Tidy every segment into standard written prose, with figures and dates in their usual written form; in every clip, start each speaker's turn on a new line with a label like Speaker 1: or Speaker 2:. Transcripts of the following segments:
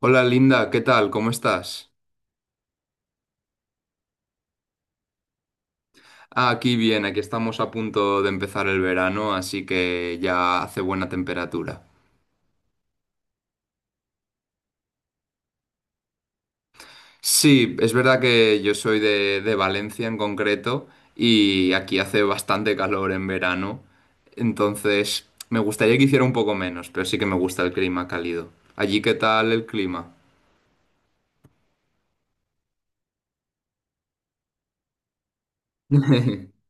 Speaker 1: Hola Linda, ¿qué tal? ¿Cómo estás? Ah, aquí bien, aquí estamos a punto de empezar el verano, así que ya hace buena temperatura. Sí, es verdad que yo soy de Valencia en concreto y aquí hace bastante calor en verano, entonces me gustaría que hiciera un poco menos, pero sí que me gusta el clima cálido. ¿Allí qué tal el clima?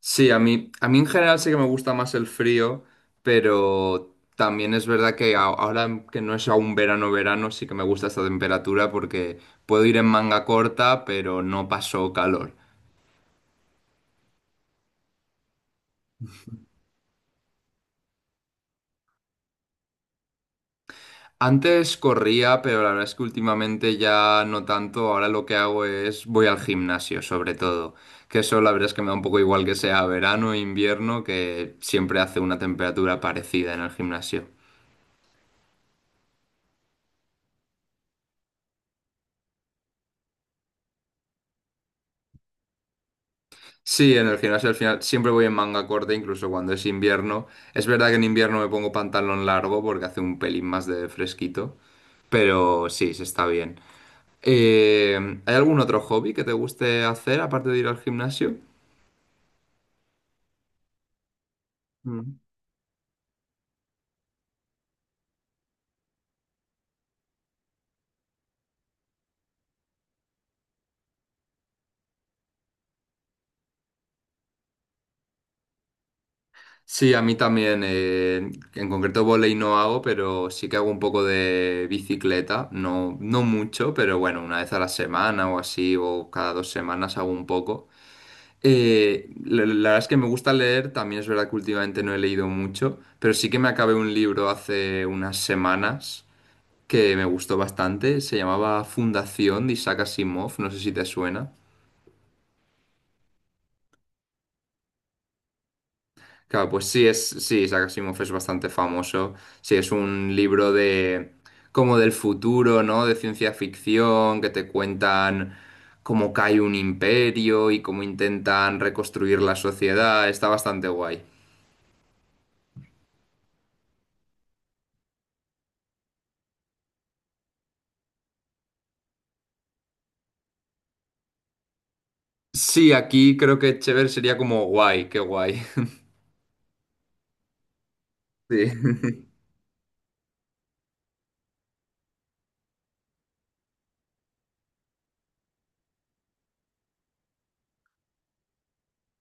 Speaker 1: Sí, a mí en general sí que me gusta más el frío, pero también es verdad que ahora que no es aún verano, verano, sí que me gusta esta temperatura porque puedo ir en manga corta, pero no paso calor. Antes corría, pero la verdad es que últimamente ya no tanto. Ahora lo que hago es voy al gimnasio, sobre todo. Que eso la verdad es que me da un poco igual que sea verano o invierno, que siempre hace una temperatura parecida en el gimnasio. Sí, en el gimnasio al final siempre voy en manga corta, incluso cuando es invierno. Es verdad que en invierno me pongo pantalón largo porque hace un pelín más de fresquito, pero sí, se está bien. ¿Hay algún otro hobby que te guste hacer aparte de ir al gimnasio? Mm. Sí, a mí también. En concreto volei no hago, pero sí que hago un poco de bicicleta. No, no mucho, pero bueno, una vez a la semana o así, o cada dos semanas hago un poco. La verdad es que me gusta leer, también es verdad que últimamente no he leído mucho, pero sí que me acabé un libro hace unas semanas que me gustó bastante, se llamaba Fundación de Isaac Asimov, no sé si te suena. Claro, pues sí, es, sí, Isaac Asimov es bastante famoso, sí, es un libro de como del futuro, ¿no? De ciencia ficción, que te cuentan cómo cae un imperio y cómo intentan reconstruir la sociedad, está bastante guay. Sí, aquí creo que chévere sería como guay, qué guay. Sí.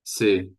Speaker 1: Sí.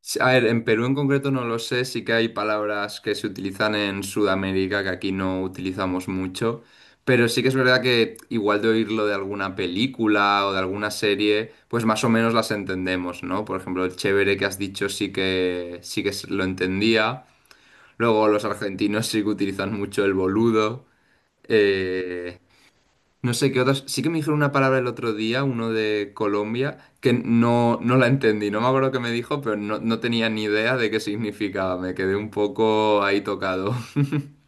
Speaker 1: Sí, a ver, en Perú en concreto no lo sé, sí que hay palabras que se utilizan en Sudamérica que aquí no utilizamos mucho, pero sí que es verdad que igual de oírlo de alguna película o de alguna serie, pues más o menos las entendemos, ¿no? Por ejemplo, el chévere que has dicho lo entendía. Luego los argentinos sí que utilizan mucho el boludo. Eh, No sé qué otras. Sí que me dijeron una palabra el otro día, uno de Colombia, que no, no la entendí. No me acuerdo qué me dijo, pero no, no tenía ni idea de qué significaba. Me quedé un poco ahí tocado.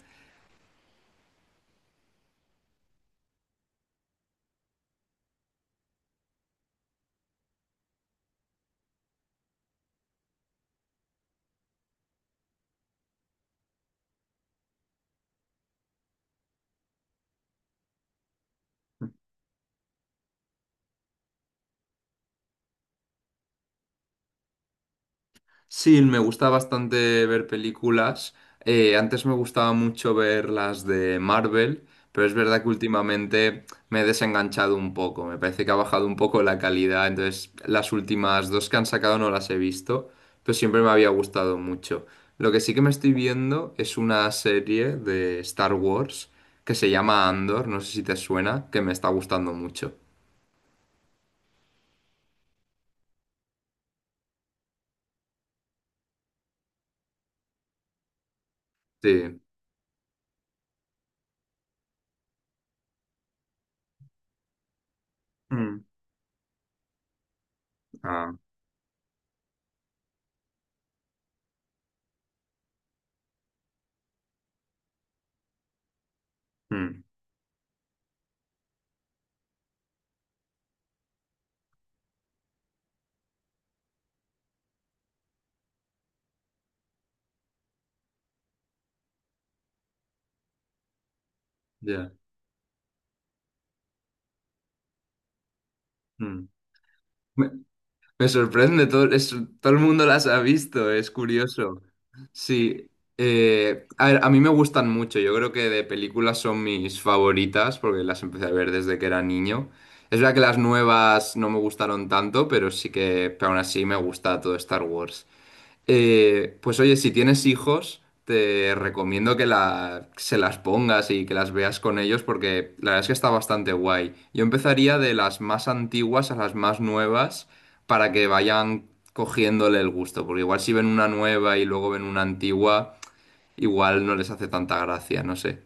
Speaker 1: Sí, me gusta bastante ver películas. Antes me gustaba mucho ver las de Marvel, pero es verdad que últimamente me he desenganchado un poco. Me parece que ha bajado un poco la calidad, entonces las últimas dos que han sacado no las he visto, pero siempre me había gustado mucho. Lo que sí que me estoy viendo es una serie de Star Wars que se llama Andor, no sé si te suena, que me está gustando mucho. Sí. Mm. Ah. Mm. Ya. Mm. Me- Me sorprende, todo, todo el mundo las ha visto, es curioso. Sí, a ver, a mí me gustan mucho, yo creo que de películas son mis favoritas porque las empecé a ver desde que era niño. Es verdad que las nuevas no me gustaron tanto, pero sí que, pero aún así me gusta todo Star Wars. Pues oye, si tienes hijos, te recomiendo que se las pongas y que las veas con ellos porque la verdad es que está bastante guay. Yo empezaría de las más antiguas a las más nuevas para que vayan cogiéndole el gusto, porque igual si ven una nueva y luego ven una antigua, igual no les hace tanta gracia, no sé.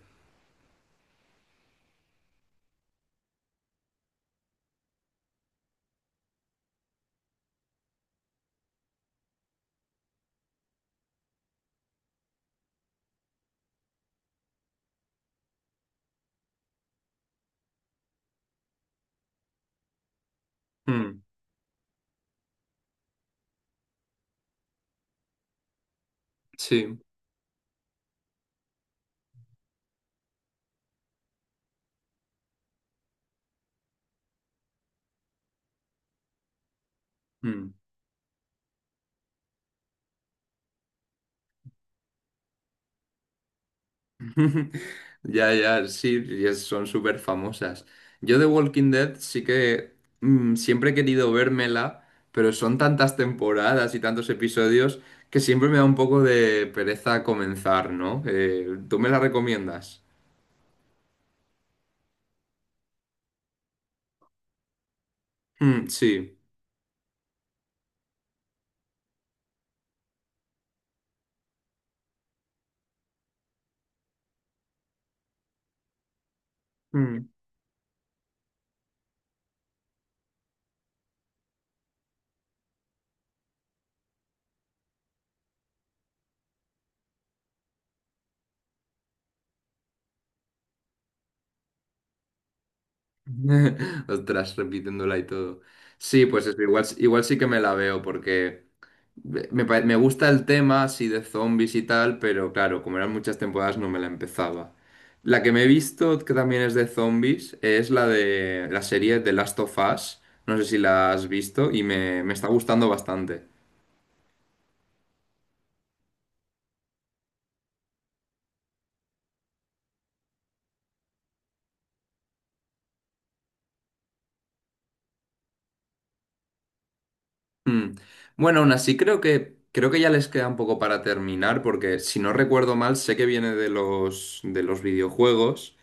Speaker 1: Mm, sí. Mm. Ya, ya, sí, y son súper famosas. Yo de Walking Dead sí que siempre he querido vérmela, pero son tantas temporadas y tantos episodios que siempre me da un poco de pereza comenzar, ¿no? ¿Tú me la recomiendas? Mm, sí. Mm. Ostras, repitiéndola y todo. Sí, pues eso, igual, igual sí que me la veo porque... Me gusta el tema así de zombies y tal, pero claro, como eran muchas temporadas no me la empezaba. La que me he visto, que también es de zombies, es la de la serie The Last of Us. No sé si la has visto y me está gustando bastante. Mm. Bueno, aún así creo que ya les queda un poco para terminar, porque si no recuerdo mal, sé que viene de los videojuegos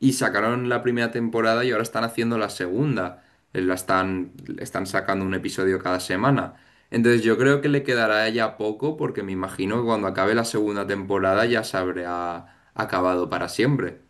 Speaker 1: y sacaron la primera temporada y ahora están haciendo la segunda. Eh, La están, Están sacando un episodio cada semana. Entonces yo creo que le quedará ya poco, porque me imagino que cuando acabe la segunda temporada ya se habrá acabado para siempre.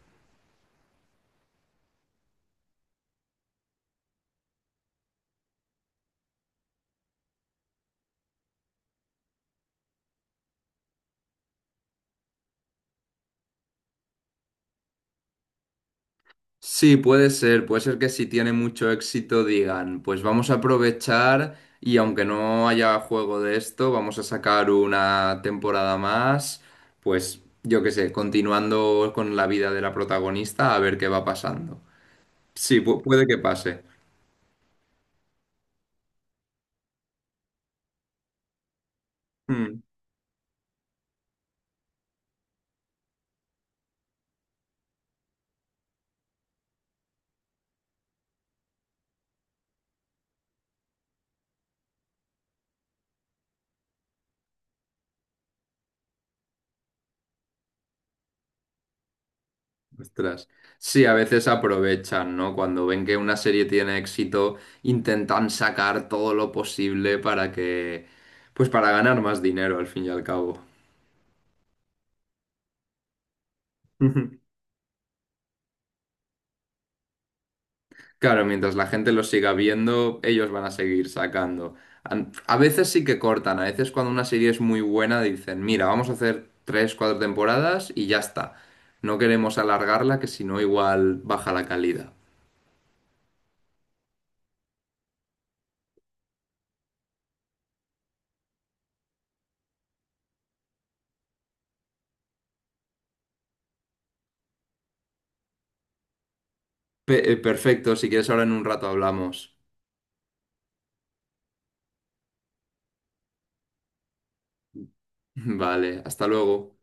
Speaker 1: Sí, puede ser que si tiene mucho éxito digan, pues vamos a aprovechar y aunque no haya juego de esto, vamos a sacar una temporada más, pues yo qué sé, continuando con la vida de la protagonista a ver qué va pasando. Sí, puede que pase. Mm, ostras. Sí, a veces aprovechan, ¿no? Cuando ven que una serie tiene éxito, intentan sacar todo lo posible para que, pues para ganar más dinero al fin y al cabo. Claro, mientras la gente los siga viendo, ellos van a seguir sacando. A veces sí que cortan, a veces cuando una serie es muy buena dicen, mira, vamos a hacer tres, cuatro temporadas y ya está. No queremos alargarla, que si no igual baja la calidad. Perfecto, si quieres ahora en un rato hablamos. Vale, hasta luego.